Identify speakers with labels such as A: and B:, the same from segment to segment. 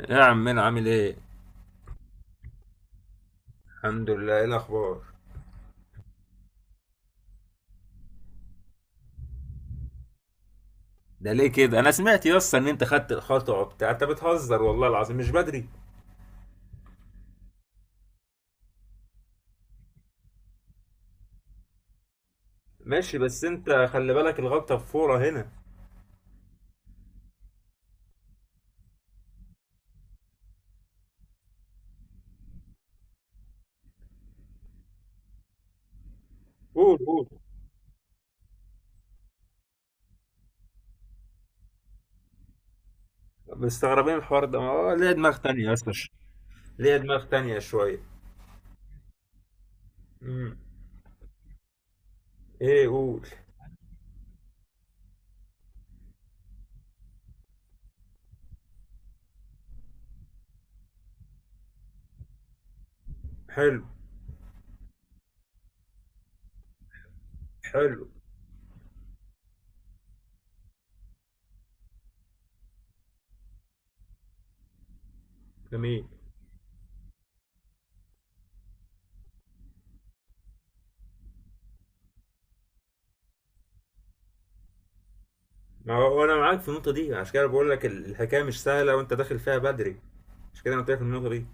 A: ايه يا عمنا عامل ايه؟ الحمد لله، ايه الاخبار؟ ده ليه كده؟ انا سمعت يا اسطى ان انت خدت الخطوه وبتاع. انت بتهزر والله العظيم، مش بدري. ماشي بس انت خلي بالك، الغلطه في فوره هنا. قول قول. مستغربين الحوار ده، ما هو ليه دماغ تانية يا اسطى. ليا دماغ تانية شوية. امم ايه قول. حلو. حلو. جميل. ما هو انا معاك في النقطة دي، عشان كده بقول لك الحكاية مش سهلة وانت داخل فيها بدري. عشان كده انا قلت لك النقطة دي.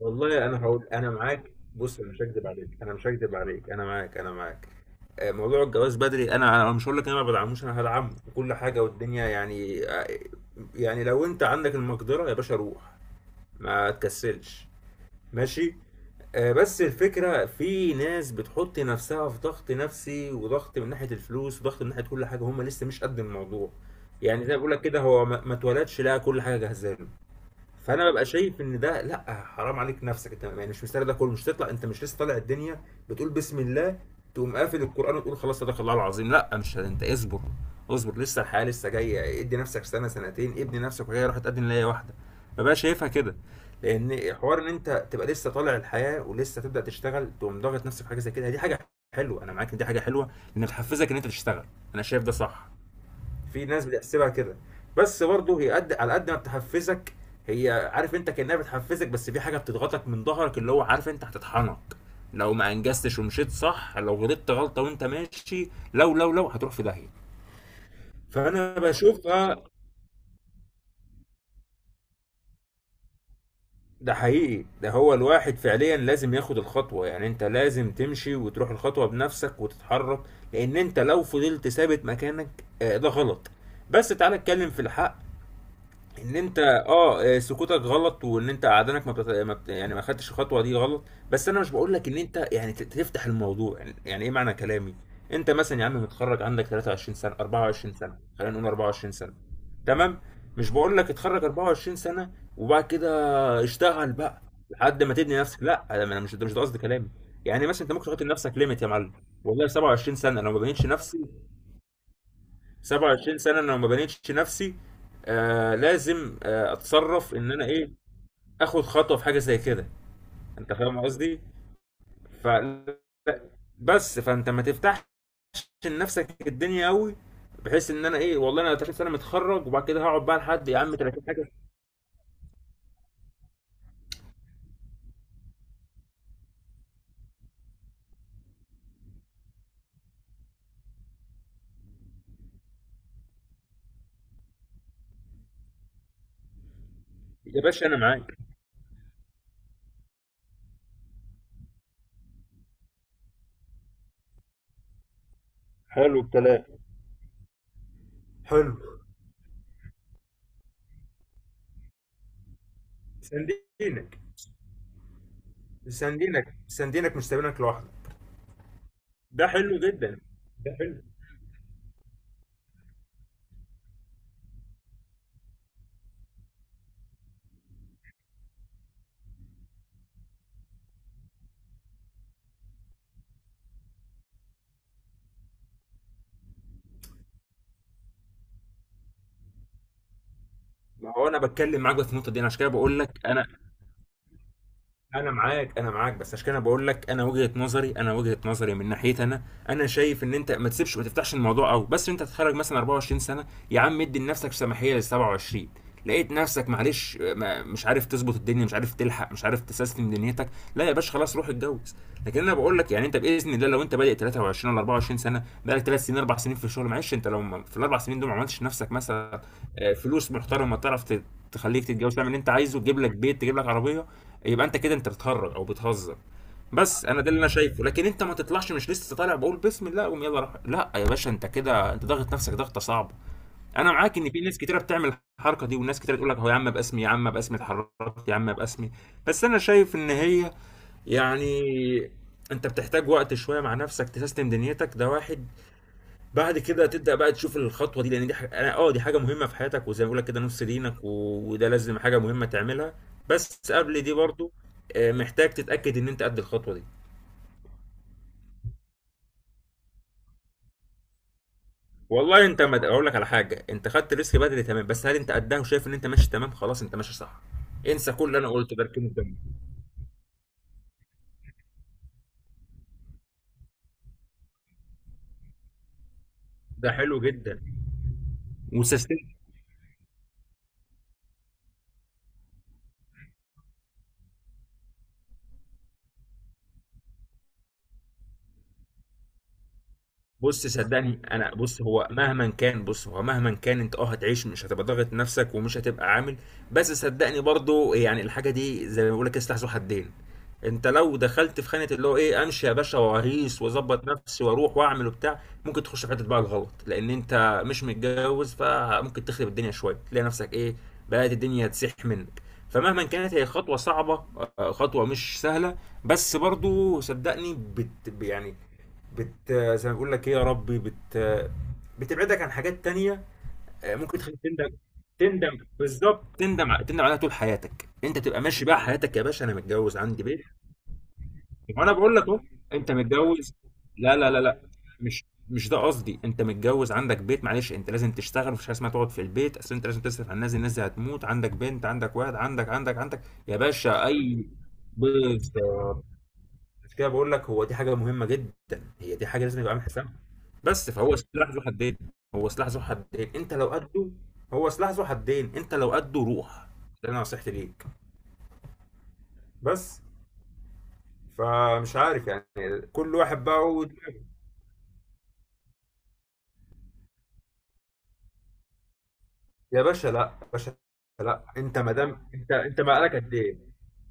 A: والله انا هقول. انا معاك، بص، انا مش هكدب عليك، انا مش هكدب عليك، انا معاك، انا معاك. موضوع الجواز بدري، انا مش هقول لك انا ما بدعموش، انا هدعمه وكل حاجه والدنيا يعني يعني لو انت عندك المقدره يا باشا روح. ما تكسلش. ماشي. بس الفكره في ناس بتحط نفسها في ضغط نفسي وضغط من ناحيه الفلوس وضغط من ناحيه كل حاجه، هم لسه مش قد الموضوع. يعني زي ما بقول لك كده، هو ما اتولدش لقى كل حاجه جاهزه له. فانا ببقى شايف ان ده لا، حرام عليك نفسك انت، يعني مش مستاهل ده كله، مش تطلع، انت مش لسه طالع الدنيا بتقول بسم الله تقوم قافل القران وتقول خلاص صدق الله العظيم. لا مش انت، اصبر. اصبر لسه الحياه لسه جايه، ادي نفسك سنه سنتين ابني نفسك وهي راح تقدم ليا واحده. ببقى شايفها كده. لان حوار ان انت تبقى لسه طالع الحياه ولسه تبدا تشتغل تقوم ضاغط نفسك في حاجه زي كده، دي حاجه حلوه، انا معاك ان دي حاجه حلوه، لان بتحفزك ان انت تشتغل. انا شايف ده صح. في ناس بتحسبها كده. بس برضه هي قد على قد ما بتحفزك، هي عارف انت كانها بتحفزك بس في حاجه بتضغطك من ظهرك، اللي هو عارف انت، هتطحنك لو ما انجزتش ومشيت صح، لو غلطت غلطه وانت ماشي، لو هتروح في داهيه. فانا بشوفها. ده حقيقي، ده هو الواحد فعليا لازم ياخد الخطوه. يعني انت لازم تمشي وتروح الخطوه بنفسك وتتحرك، لان انت لو فضلت ثابت مكانك، ده غلط. بس تعالى اتكلم في الحق، ان انت سكوتك غلط، وان انت قعدانك ما, بتت... ما بت... يعني ما خدتش الخطوه دي، غلط. بس انا مش بقول لك ان انت يعني تفتح الموضوع، يعني، يعني ايه معنى كلامي. انت مثلا يا عم متخرج عندك 23 سنه 24 سنه، خلينا نقول 24 سنه، تمام؟ مش بقول لك اتخرج 24 سنه وبعد كده اشتغل بقى لحد ما تبني نفسك، لا، ده انا مش ده مش ده قصدي كلامي. يعني مثلا انت ممكن تحط لنفسك ليميت يا معلم، والله 27 سنه لو ما بنيتش نفسي، 27 سنة انا لو ما بنيتش نفسي، آه لازم آه اتصرف ان انا ايه، اخد خطوة في حاجة زي كده. انت فاهم قصدي؟ ف بس فانت ما تفتحش لنفسك الدنيا قوي، بحيث ان انا ايه والله انا 30 سنة متخرج وبعد كده هقعد بقى لحد يا عم 30 حاجة. يا باشا انا معاك. حلو الكلام. حلو. سندينك. سندينك سندينك، مش سايبينك لوحدك. ده حلو جدا. ده حلو. ما هو انا بتكلم معاك بقى في النقطه دي، انا عشان كده بقول لك انا. انا معاك، انا معاك، بس عشان كده بقول لك انا وجهة نظري، انا وجهة نظري من ناحيتي انا. انا شايف ان انت ما تسيبش، ما تفتحش الموضوع قوي، بس انت تتخرج مثلا 24 سنه، يا عم ادي لنفسك سماحيه لل 27، لقيت نفسك معلش ما مش عارف تظبط الدنيا، مش عارف تلحق، مش عارف تسيستم دنيتك، لا يا باشا، خلاص روح اتجوز. لكن انا بقول لك، يعني انت باذن الله لو انت بادئ 23 ولا 24 سنه، بقالك 3 سنين 4 سنين في الشغل، معلش انت لو في الاربع سنين دول ما عملتش نفسك مثلا فلوس محترمه، تعرف تخليك تتجوز، تعمل اللي انت عايزه، تجيب لك بيت، تجيب لك عربيه، يبقى انت كده انت بتهرج او بتهزر. بس انا ده اللي انا شايفه. لكن انت ما تطلعش مش لسه طالع بقول بسم الله اقوم يلا راح، لا يا باشا انت كده انت ضاغط نفسك ضغطه صعبه. انا معاك ان في ناس كتيره بتعمل الحركه دي، وناس كتيره تقول لك هو يا عم باسمي، يا عم باسمي اتحركت، يا عم باسمي. بس انا شايف ان هي يعني، انت بتحتاج وقت شويه مع نفسك تسيستم دنيتك، ده واحد. بعد كده تبدا بقى تشوف الخطوه دي، لان دي حاجه دي حاجه مهمه في حياتك، وزي ما بقول لك كده نص دينك وده لازم حاجه مهمه تعملها. بس قبل دي برضو محتاج تتاكد ان انت قد الخطوه دي. والله انت ما اقول لك على حاجه، انت خدت ريسك بدري تمام، بس هل انت قدها وشايف ان انت ماشي تمام؟ خلاص انت ماشي صح. انسى كل اللي انا قلته ده، اركنه جنبك. ده حلو جدا. وسستمت. بص صدقني انا، بص هو مهما كان، بص هو مهما كان انت اه هتعيش، مش هتبقى ضاغط نفسك ومش هتبقى عامل. بس صدقني برضو يعني الحاجه دي زي ما بقول لك كده سلاح ذو حدين. انت لو دخلت في خانه اللي هو ايه، امشي يا باشا واهيس واظبط نفسي واروح واعمل وبتاع، ممكن تخش في حته بقى الغلط، لان انت مش متجوز، فممكن تخرب الدنيا شويه، تلاقي نفسك ايه، بقت الدنيا تسيح منك. فمهما كانت هي خطوه صعبه، خطوه مش سهله، بس برضو صدقني بت يعني، بت زي ما بقول لك ايه يا ربي، بت بتبعدك عن حاجات تانية. ممكن تخليك تندم. تندم بالظبط، تندم تندم عليها طول حياتك انت، تبقى ماشي بقى حياتك يا باشا، انا متجوز عندي بيت. وانا بقول لك اهو، انت متجوز. لا لا لا لا، مش مش ده قصدي، انت متجوز عندك بيت، معلش انت لازم تشتغل، مفيش حاجه اسمها تقعد في البيت، اصل انت لازم تصرف على الناس دي، الناس دي هتموت، عندك بنت، عندك واحد، عندك عندك عندك. يا باشا اي. بالظبط. مش كده بقول لك، هو دي حاجه مهمه جدا، هي دي حاجه لازم يبقى عامل حسابها. بس فهو سلاح ذو حدين. هو سلاح ذو حدين انت لو قده. هو سلاح ذو حدين انت لو قده روح. ده انا نصيحتي ليك. بس فمش عارف يعني. كل واحد بقى هو. يا باشا لا يا باشا. لا انت ما دام انت انت بقالك قد ايه،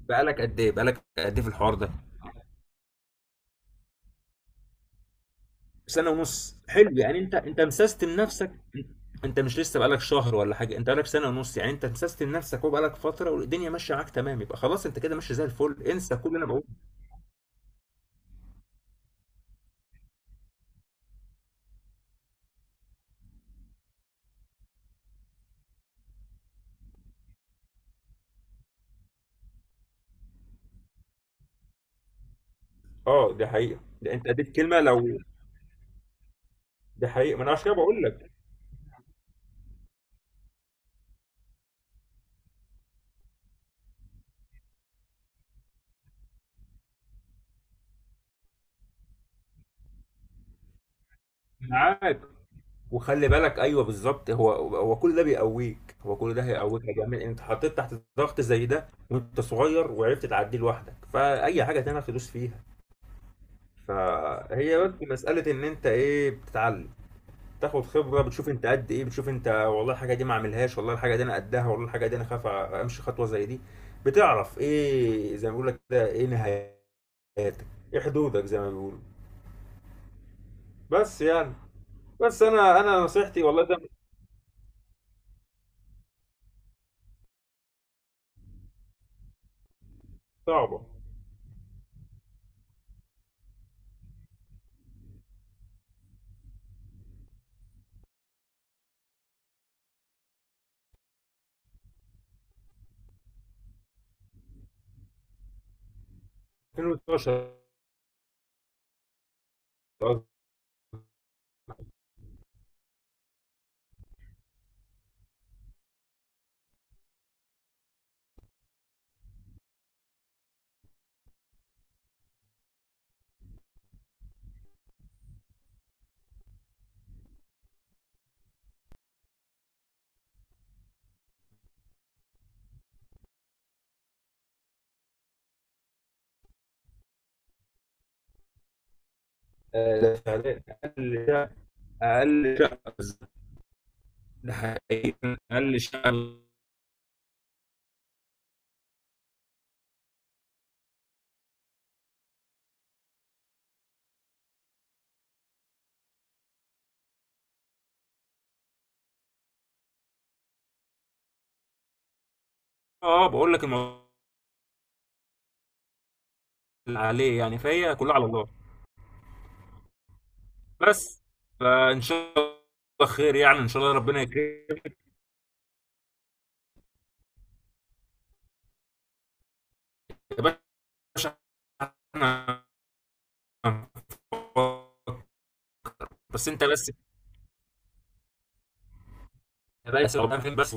A: بقالك قد ايه، بقالك قد ايه في الحوار ده. سنة ونص، حلو، يعني انت انت مسستم نفسك. انت مش لسه بقالك شهر ولا حاجة، انت بقالك سنة ونص، يعني انت مسستم نفسك وبقالك فترة والدنيا ماشية معاك تمام، يبقى خلاص انت كده ماشي زي الفل، انسى كل اللي انا بقوله. اه دي حقيقة، ده انت اديت كلمة لو. دي حقيقة، ما انا عشان كده بقول لك. معاك، وخلي بالك، ايوه بالظبط، هو هو كل ده بيقويك، هو كل ده هيقويك يا جميل. انت حطيت تحت ضغط زي ده وانت صغير وعرفت تعديه لوحدك، فاي حاجة تانية هتدوس فيها. فهي بس مسألة إن أنت إيه بتتعلم، تاخد خبره، بتشوف انت قد ايه، بتشوف انت والله الحاجه دي ما اعملهاش، والله الحاجه دي انا قدها، والله الحاجه دي انا خايف امشي خطوه زي دي. بتعرف ايه زي ما بيقول لك كده، ايه نهاياتك، ايه حدودك زي ما بيقولوا. بس يعني، بس انا انا نصيحتي والله، ده مش. صعبه. 2012. قصدي ده فعلا اقل شقه. اقل شقه، ده حقيقي. اقل شقه. اه بقول لك، الموضوع اللي عليه يعني، فهي كلها على الله. بس فان شاء الله خير، يعني ان شاء الله ربنا يكرمك. يا باشا احنا. بس انت بس. يا باشا قدام فين بس.